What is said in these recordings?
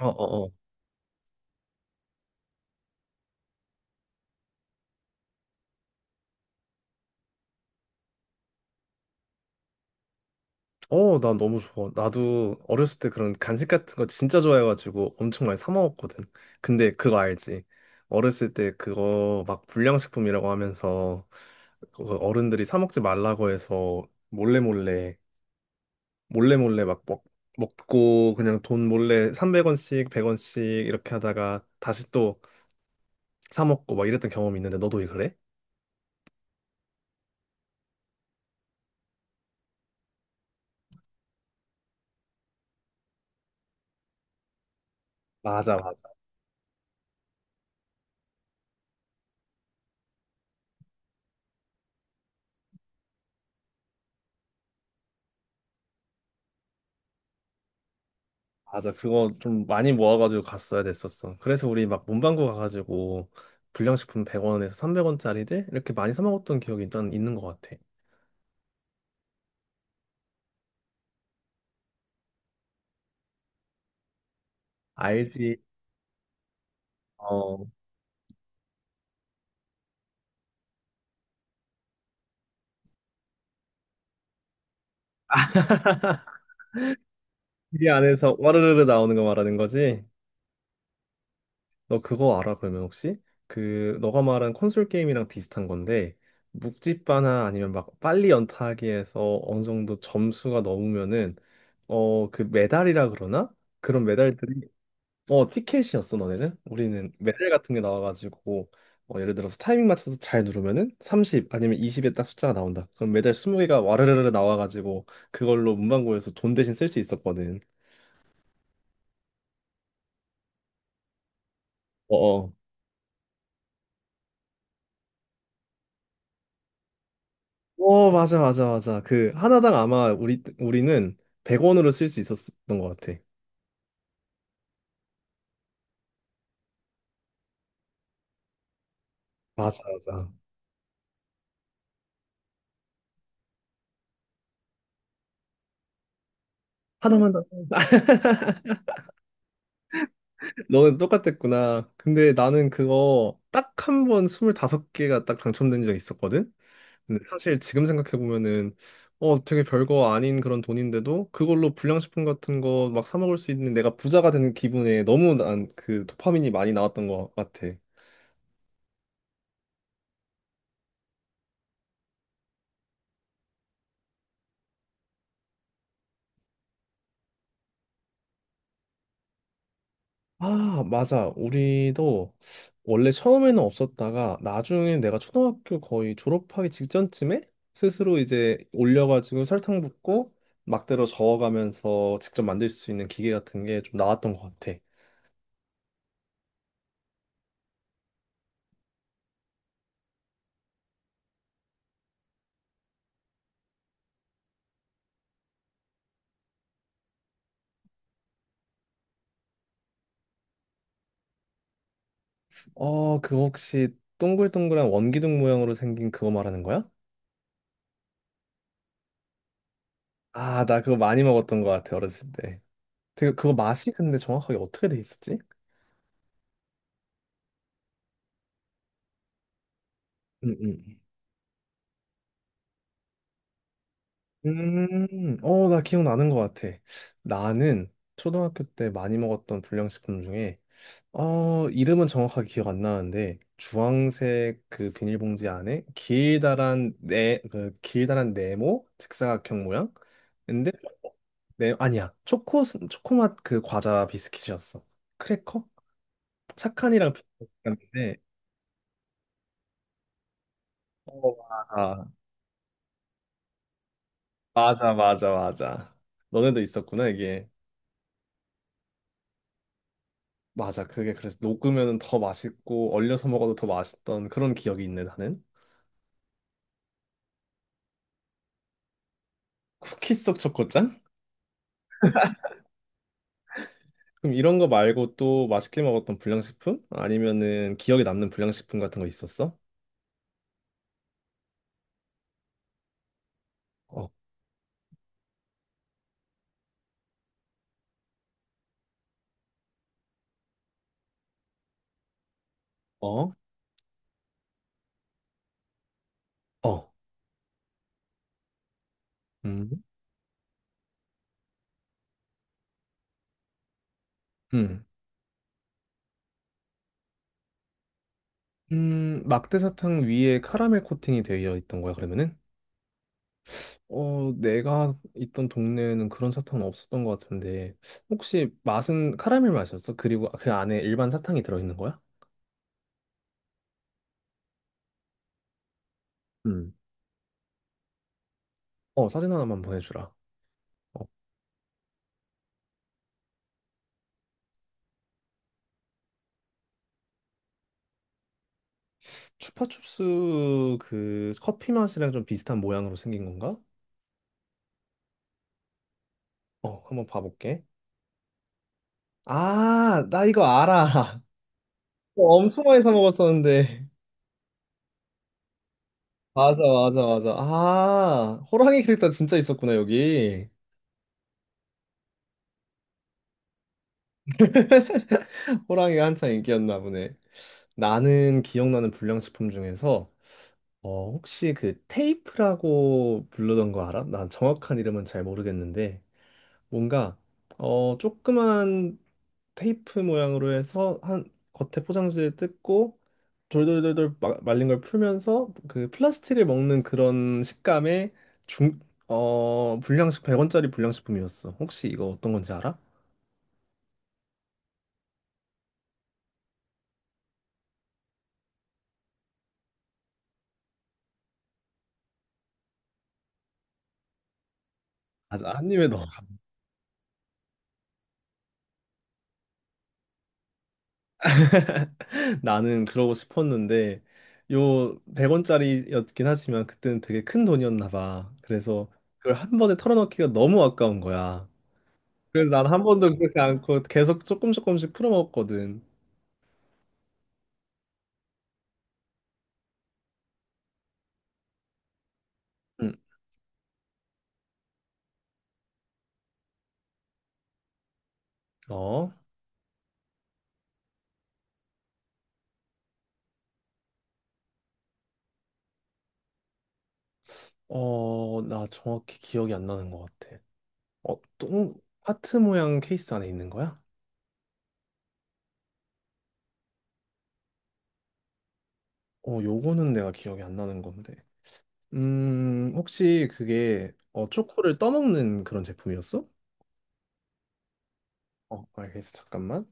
어, 어, 어. 어, 난 너무 좋아. 나도 어렸을 때 그런 간식 같은 거 진짜 좋아해가지고 엄청 많이 사 먹었거든. 근데 그거 알지? 어렸을 때 그거 막 불량식품이라고 하면서 그거 어른들이 사 먹지 말라고 해서 몰래 몰래 몰래 몰래 막 먹고 그냥 돈 몰래 300원씩 100원씩 이렇게 하다가 다시 또 사 먹고 막 이랬던 경험이 있는데 너도 그래? 맞아, 맞아. 맞아. 그거 좀 많이 모아가지고 갔어야 됐었어. 그래서 우리 막 문방구 가가지고 불량식품 100원에서 300원짜리들 이렇게 많이 사 먹었던 기억이 일단 있는 것 같아. 알지? 어, t 안에서 와르르르 나오는 거 말하는 거지? 너 그거 알아, 그러면 혹시? 그, 너가 말한 콘솔 게임이랑 비슷한 건데, 묵찌빠나 아니면 막 빨리 연타하기 에서 어느 정도 점수가 넘으면은, 어, 그 메달이라 그러나? 그런 메달들이 어, 티켓이었어, 너네는? 우리는 메달 같은 게 나와가지고, 예를 들어서 타이밍 맞춰서 잘 누르면은 30 아니면 20에 딱 숫자가 나온다. 그럼 메달 20개가 와르르르 나와가지고, 그걸로 문방구에서 돈 대신 쓸 수 있었거든. 어어. 어, 어, 맞아, 맞아, 맞아. 그, 하나당 아마 우리는 100원으로 쓸 수 있었던 것 같아. 맞아, 맞아. 하나만 더. 너는 똑같았구나. 근데 나는 그거 딱 한 번 25개가 딱 당첨된 적 있었거든? 근데 사실 지금 생각해 보면은 되게 별거 아닌 그런 돈인데도 그걸로 불량식품 같은 거 막 사 먹을 수 있는 내가 부자가 되는 기분에 너무 난 그 도파민이 많이 나왔던 것 같아. 아, 맞아. 우리도 원래 처음에는 없었다가 나중에 내가 초등학교 거의 졸업하기 직전쯤에 스스로 이제 올려가지고 설탕 붓고 막대로 저어가면서 직접 만들 수 있는 기계 같은 게 좀 나왔던 것 같아. 어, 그거 혹시 동글동글한 원기둥 모양으로 생긴 그거 말하는 거야? 아, 나 그거 많이 먹었던 것 같아, 어렸을 때. 되게 그거 맛이 근데 정확하게 어떻게 돼 있었지? 음, 음. 나 기억나는 것 같아. 나는 초등학교 때 많이 먹었던 불량식품 중에, 이름은 정확하게 기억 안 나는데, 주황색 그 비닐봉지 안에 그 길다란 네모, 직사각형 모양? 근데, 네, 아니야. 초코맛 그 과자 비스킷이었어. 크래커? 착한이랑 비슷한데, 맞아, 맞아, 맞아. 너네도 있었구나, 이게. 맞아, 그게 그래서 녹으면 더 맛있고 얼려서 먹어도 더 맛있던 그런 기억이 있네, 나는. 쿠키 속 초코짠? 그럼 이런 거 말고 또 맛있게 먹었던 불량식품? 아니면은 기억에 남는 불량식품 같은 거 있었어? 어, 어, 어. 음, 음. 막대 사탕 위에 카라멜 코팅이 되어 있던 거야, 그러면은? 어, 내가 있던 동네에는 그런 사탕은 없었던 것 같은데, 혹시 맛은 카라멜 맛이었어? 그리고 그 안에 일반 사탕이 들어있는 거야? 음. 어, 사진 하나만 보내주라. 어, 추파춥스 그 커피 맛이랑 좀 비슷한 모양으로 생긴 건가? 어, 한번 봐볼게. 아, 나 이거 알아. 어, 엄청 많이 사 먹었었는데. 맞아, 맞아, 맞아. 아, 호랑이 캐릭터 진짜 있었구나, 여기. 호랑이가 한창 인기였나 보네. 나는 기억나는 불량식품 중에서 혹시 그 테이프라고 부르던 거 알아? 난 정확한 이름은 잘 모르겠는데 뭔가 조그만 테이프 모양으로 해서 한 겉에 포장지를 뜯고 돌돌돌돌 말린 걸 풀면서 그 플라스틱을 먹는 그런 식감의 중, 어, 불량식 100원짜리 불량식품이었어. 혹시 이거 어떤 건지 알아? 아, 아님에도. 나는 그러고 싶었는데 요 100원짜리였긴 하지만 그때는 되게 큰 돈이었나 봐. 그래서 그걸 한 번에 털어넣기가 너무 아까운 거야. 그래서 난 한 번도 그렇지 않고 계속 조금 조금씩 풀어먹었거든. 응. 어? 어, 나 정확히 기억이 안 나는 것 같아. 어, 똥 하트 모양 케이스 안에 있는 거야? 어, 요거는 내가 기억이 안 나는 건데. 혹시 그게 초코를 떠먹는 그런 제품이었어? 어, 알겠어. 잠깐만.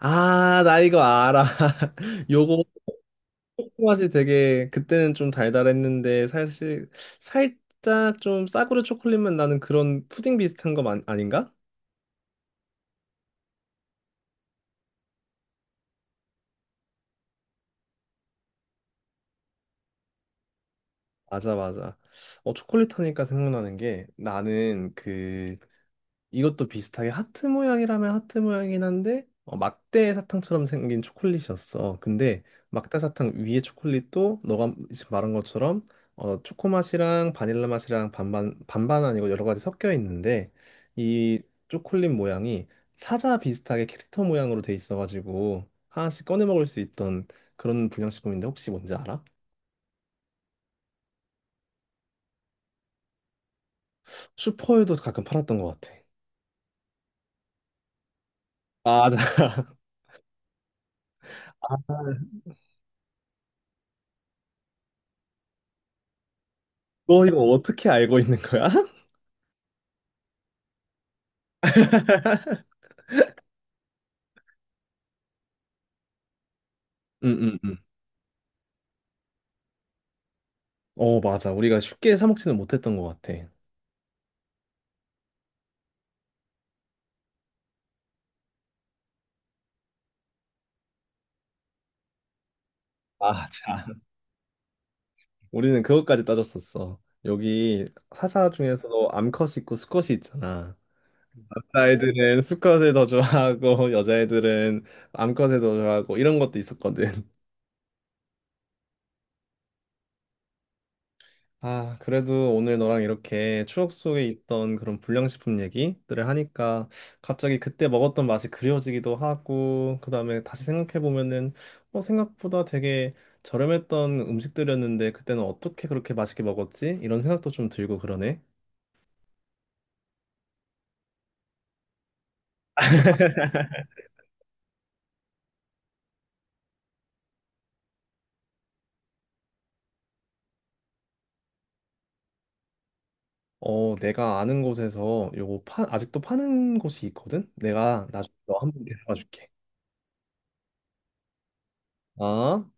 아, 나 이거 알아. 요거 초코맛이 되게 그때는 좀 달달했는데 사실 살짝 좀 싸구려 초콜릿만 나는 그런 푸딩 비슷한 거 아닌가? 맞아 맞아. 초콜릿 하니까 생각나는 게 나는 그 이것도 비슷하게 하트 모양이라면 하트 모양이긴 한데 막대 사탕처럼 생긴 초콜릿이었어. 근데 막대 사탕 위에 초콜릿도 너가 지금 말한 것처럼 초코 맛이랑 바닐라 맛이랑 반반 반반 아니고 여러 가지 섞여 있는데 이 초콜릿 모양이 사자 비슷하게 캐릭터 모양으로 돼 있어가지고 하나씩 꺼내 먹을 수 있던 그런 불량식품인데 혹시 뭔지 알아? 슈퍼에도 가끔 팔았던 것 같아. 맞아. 너 이거 어떻게 알고 있는 거야? 응응응. 어, 맞아. 우리가 쉽게 사 먹지는 못했던 것 같아. 아, 참. 우리는 그것까지 따졌었어. 여기 사자 중에서도 암컷이 있고 수컷이 있잖아. 남자애들은 수컷을 더 좋아하고 여자애들은 암컷을 더 좋아하고 이런 것도 있었거든. 아, 그래도 오늘 너랑 이렇게 추억 속에 있던 그런 불량식품 얘기들을 하니까 갑자기 그때 먹었던 맛이 그리워지기도 하고, 그다음에 다시 생각해보면은, 생각보다 되게 저렴했던 음식들이었는데, 그때는 어떻게 그렇게 맛있게 먹었지? 이런 생각도 좀 들고 그러네. 어, 내가 아는 곳에서 요거 아직도 파는 곳이 있거든? 내가 나중에 너 한번 데려가 줄게. 아?